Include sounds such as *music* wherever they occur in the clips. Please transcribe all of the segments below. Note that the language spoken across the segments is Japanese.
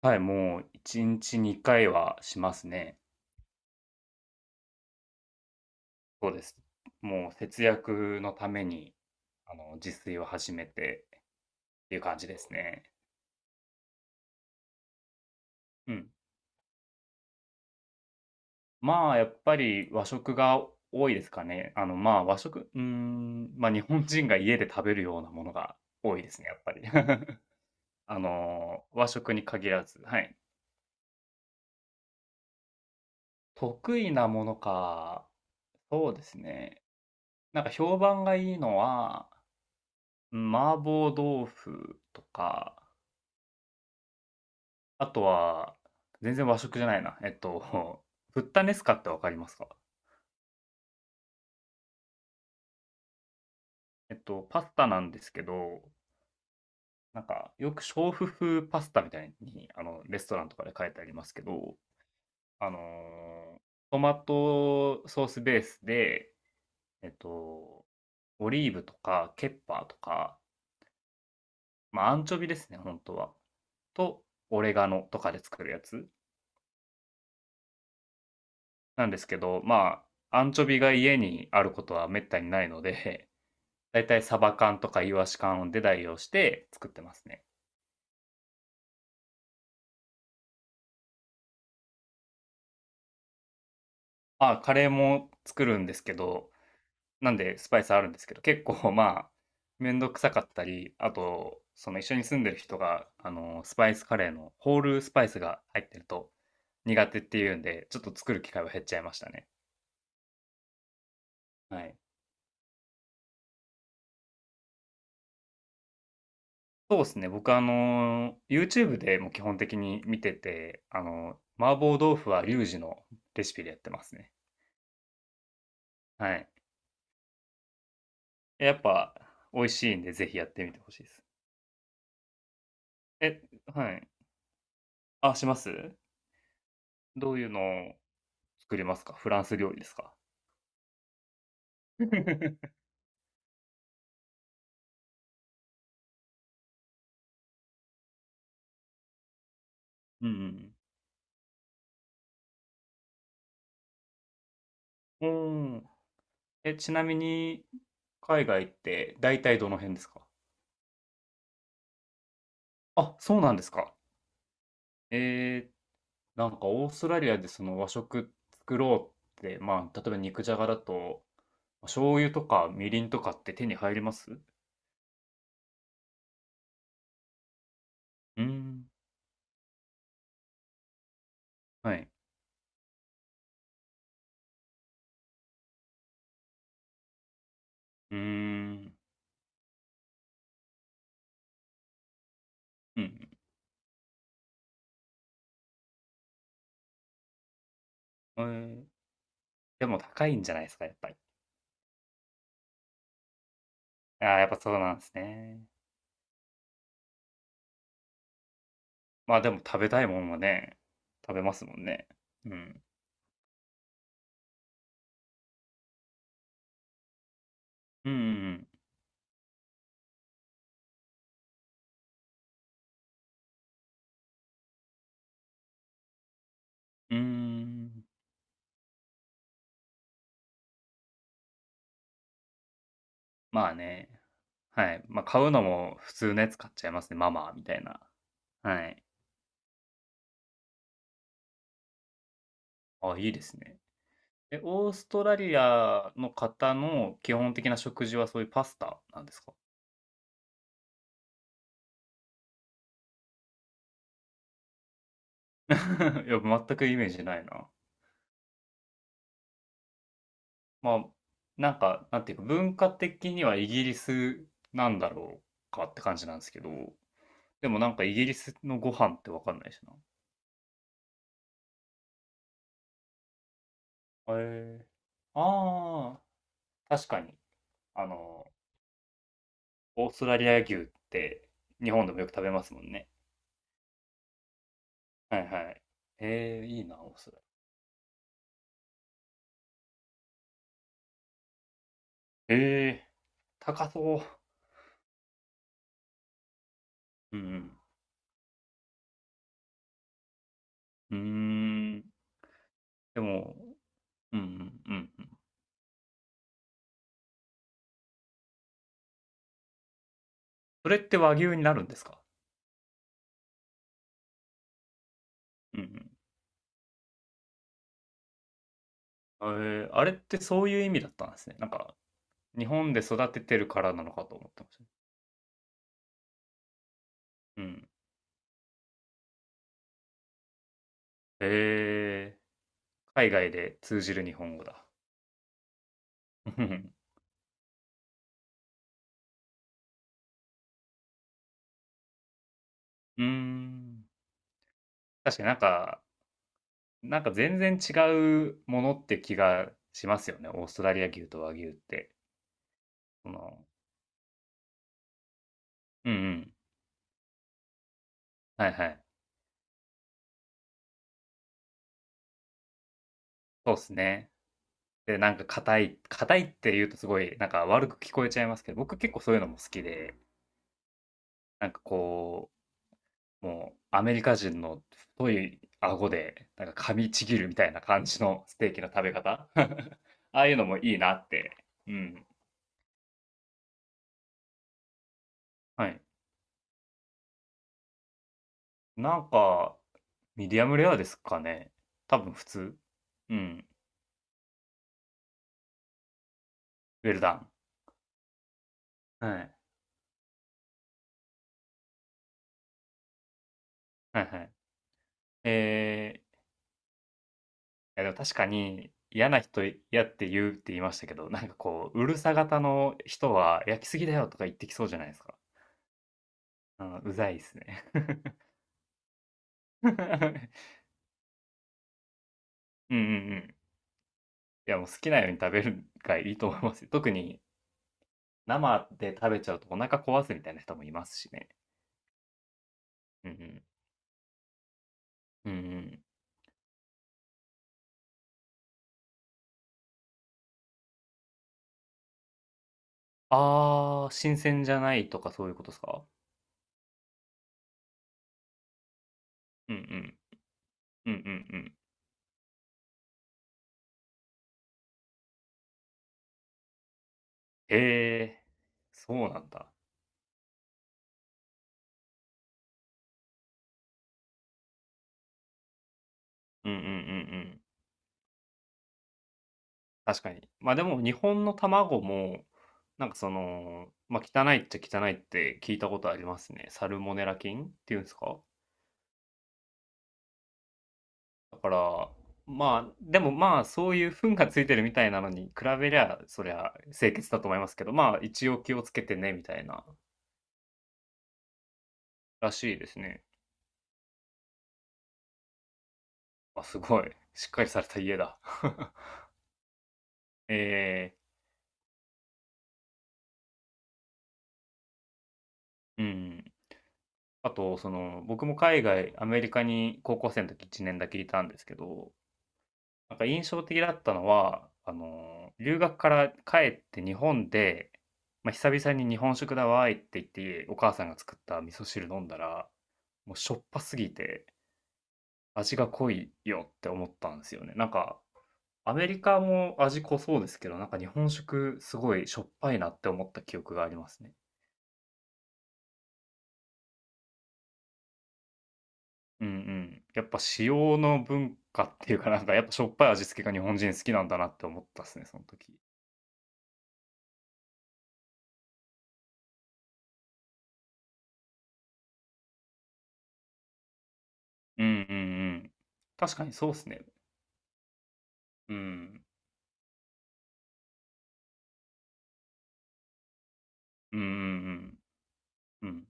はい、もう1日2回はしますね。そうです。もう節約のために、自炊を始めてっていう感じですね。うん。まあ、やっぱり和食が多いですかね。まあ、和食、うーん、ま、日本人が家で食べるようなものが多いですね、やっぱり。*laughs* 和食に限らず、はい。得意なものか、そうですね。なんか評判がいいのは、うん、麻婆豆腐とかあとは、全然和食じゃないな。*laughs* フッタネスカってわかりますか？パスタなんですけど、なんか、よく娼婦風パスタみたいに、レストランとかで書いてありますけど、あの、トマトソースベースで、えっと、オリーブとかケッパーとか、まあ、アンチョビですね、本当は。と、オレガノとかで作るやつなんですけど、まあ、アンチョビが家にあることは滅多にないので、だいたいサバ缶とかイワシ缶で代用して作ってますね。あ、カレーも作るんですけど、なんでスパイスあるんですけど、結構まあ、めんどくさかったり、あと、その一緒に住んでる人が、スパイスカレーのホールスパイスが入ってると苦手っていうんで、ちょっと作る機会は減っちゃいましたね。はい。そうですね。僕YouTube でも基本的に見てて、麻婆豆腐はリュウジのレシピでやってますね。はい。やっぱ美味しいんで、ぜひやってみてほしいです。え、はい。あ、します？どういうのを作りますか？フランス料理ですか？*laughs* うんうん。うーん。え、ちなみに、海外って大体どの辺ですか？あ、そうなんですか。えーなんかオーストラリアでその和食作ろうって、まあ、例えば肉じゃがだと、ま醤油とかみりんとかって手に入ります？うーん、はい。うーん。うん、えーでも高いんじゃないですか、やっぱり。ああ、やっぱそうなんですね。まあでも食べたいもんはね、食べますもんね。うん。うんうんうん。うーん。まあね。はい。まあ買うのも普通のやつ買っちゃいますね。ママみたいな。はい。あ、いいですね。え、オーストラリアの方の基本的な食事はそういうパスタなんですか？*laughs* いや、全くイメージないな。まあ、なんか、なんていうか、文化的にはイギリスなんだろうかって感じなんですけど。でもなんかイギリスのご飯ってわかんないしな。へえ。ああ、確かに。あの、オーストラリア牛って日本でもよく食べますもんね。はいはい。ええ、いいな、オーストラリア。ええ、高そう。うんうん。うーん。でも、うんうんうんうん。それって和牛になるんですか？うんうん。ええ、あれってそういう意味だったんですね。なんか、日本で育ててるからなのかと思ってました。うん。へえ、海外で通じる日本語だ。*laughs* うーん。確かになんか、なんか全然違うものって気がしますよね。オーストラリア牛と和牛って。その、うんうん。はいはい。そうですね。で、なんか硬い、硬いって言うとすごいなんか悪く聞こえちゃいますけど、僕結構そういうのも好きで、なんかこう、もうアメリカ人の太い顎で、なんか噛みちぎるみたいな感じのステーキの食べ方 *laughs* ああいうのもいいなって。うん。はい。なんか、ミディアムレアですかね。多分普通。うん。ウェルダン。はい。はいはい。いやでも確かに嫌な人嫌って言うって言いましたけど、なんかこう、うるさ型の人は焼きすぎだよとか言ってきそうじゃないですか。うん、うざいですね。*laughs* うんうんうん。いやもう好きなように食べるがいいと思いますよ。特に生で食べちゃうとお腹壊すみたいな人もいますしね。うんうん。うんうん。あー、新鮮じゃないとかそういうことですか？うんうん。うんうんうん。へえ、そうなんだ。うんうんうんうん。確かに。まあでも日本の卵も、なんかその、まあ汚いっちゃ汚いって聞いたことありますね。サルモネラ菌っていうんですか？だから、まあ、でもまあそういう糞がついてるみたいなのに比べりゃ、そりゃ清潔だと思いますけど、まあ一応気をつけてね、みたいな、らしいですね。あ、すごい。しっかりされた家だ。*laughs* ええ、うん。あと、その、僕も海外、アメリカに高校生の時1年だけいたんですけど、なんか印象的だったのは、留学から帰って日本で、まあ、久々に日本食だわーいって言って、お母さんが作った味噌汁飲んだら、もうしょっぱすぎて味が濃いよって思ったんですよね。なんか、アメリカも味濃そうですけど、なんか日本食すごいしょっぱいなって思った記憶がありますね。うんうん。やっぱ塩の文化っていうか、なんかやっぱしょっぱい味付けが日本人好きなんだなって思ったっすね、その時。うんうんうん。確かにそうっすね。うん。うんうんうん。うん。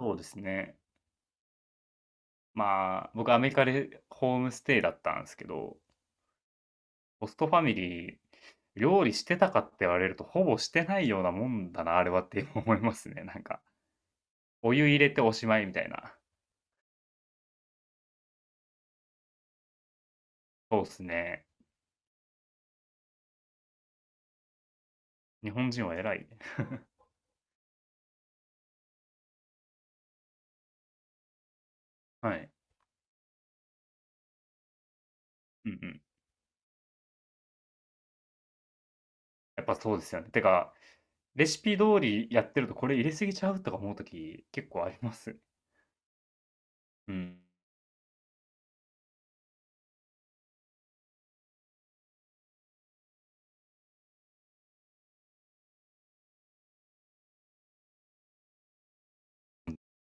そうですね。まあ、僕アメリカでホームステイだったんですけど、ホストファミリー、料理してたかって言われると、ほぼしてないようなもんだな、あれはって思いますね、なんか。お湯入れておしまいみたいな。そうっすね。日本人は偉いね。はい。うんうん。やっぱそうですよね。てかレシピ通りやってると、これ入れすぎちゃうとか思うとき結構あります。うん。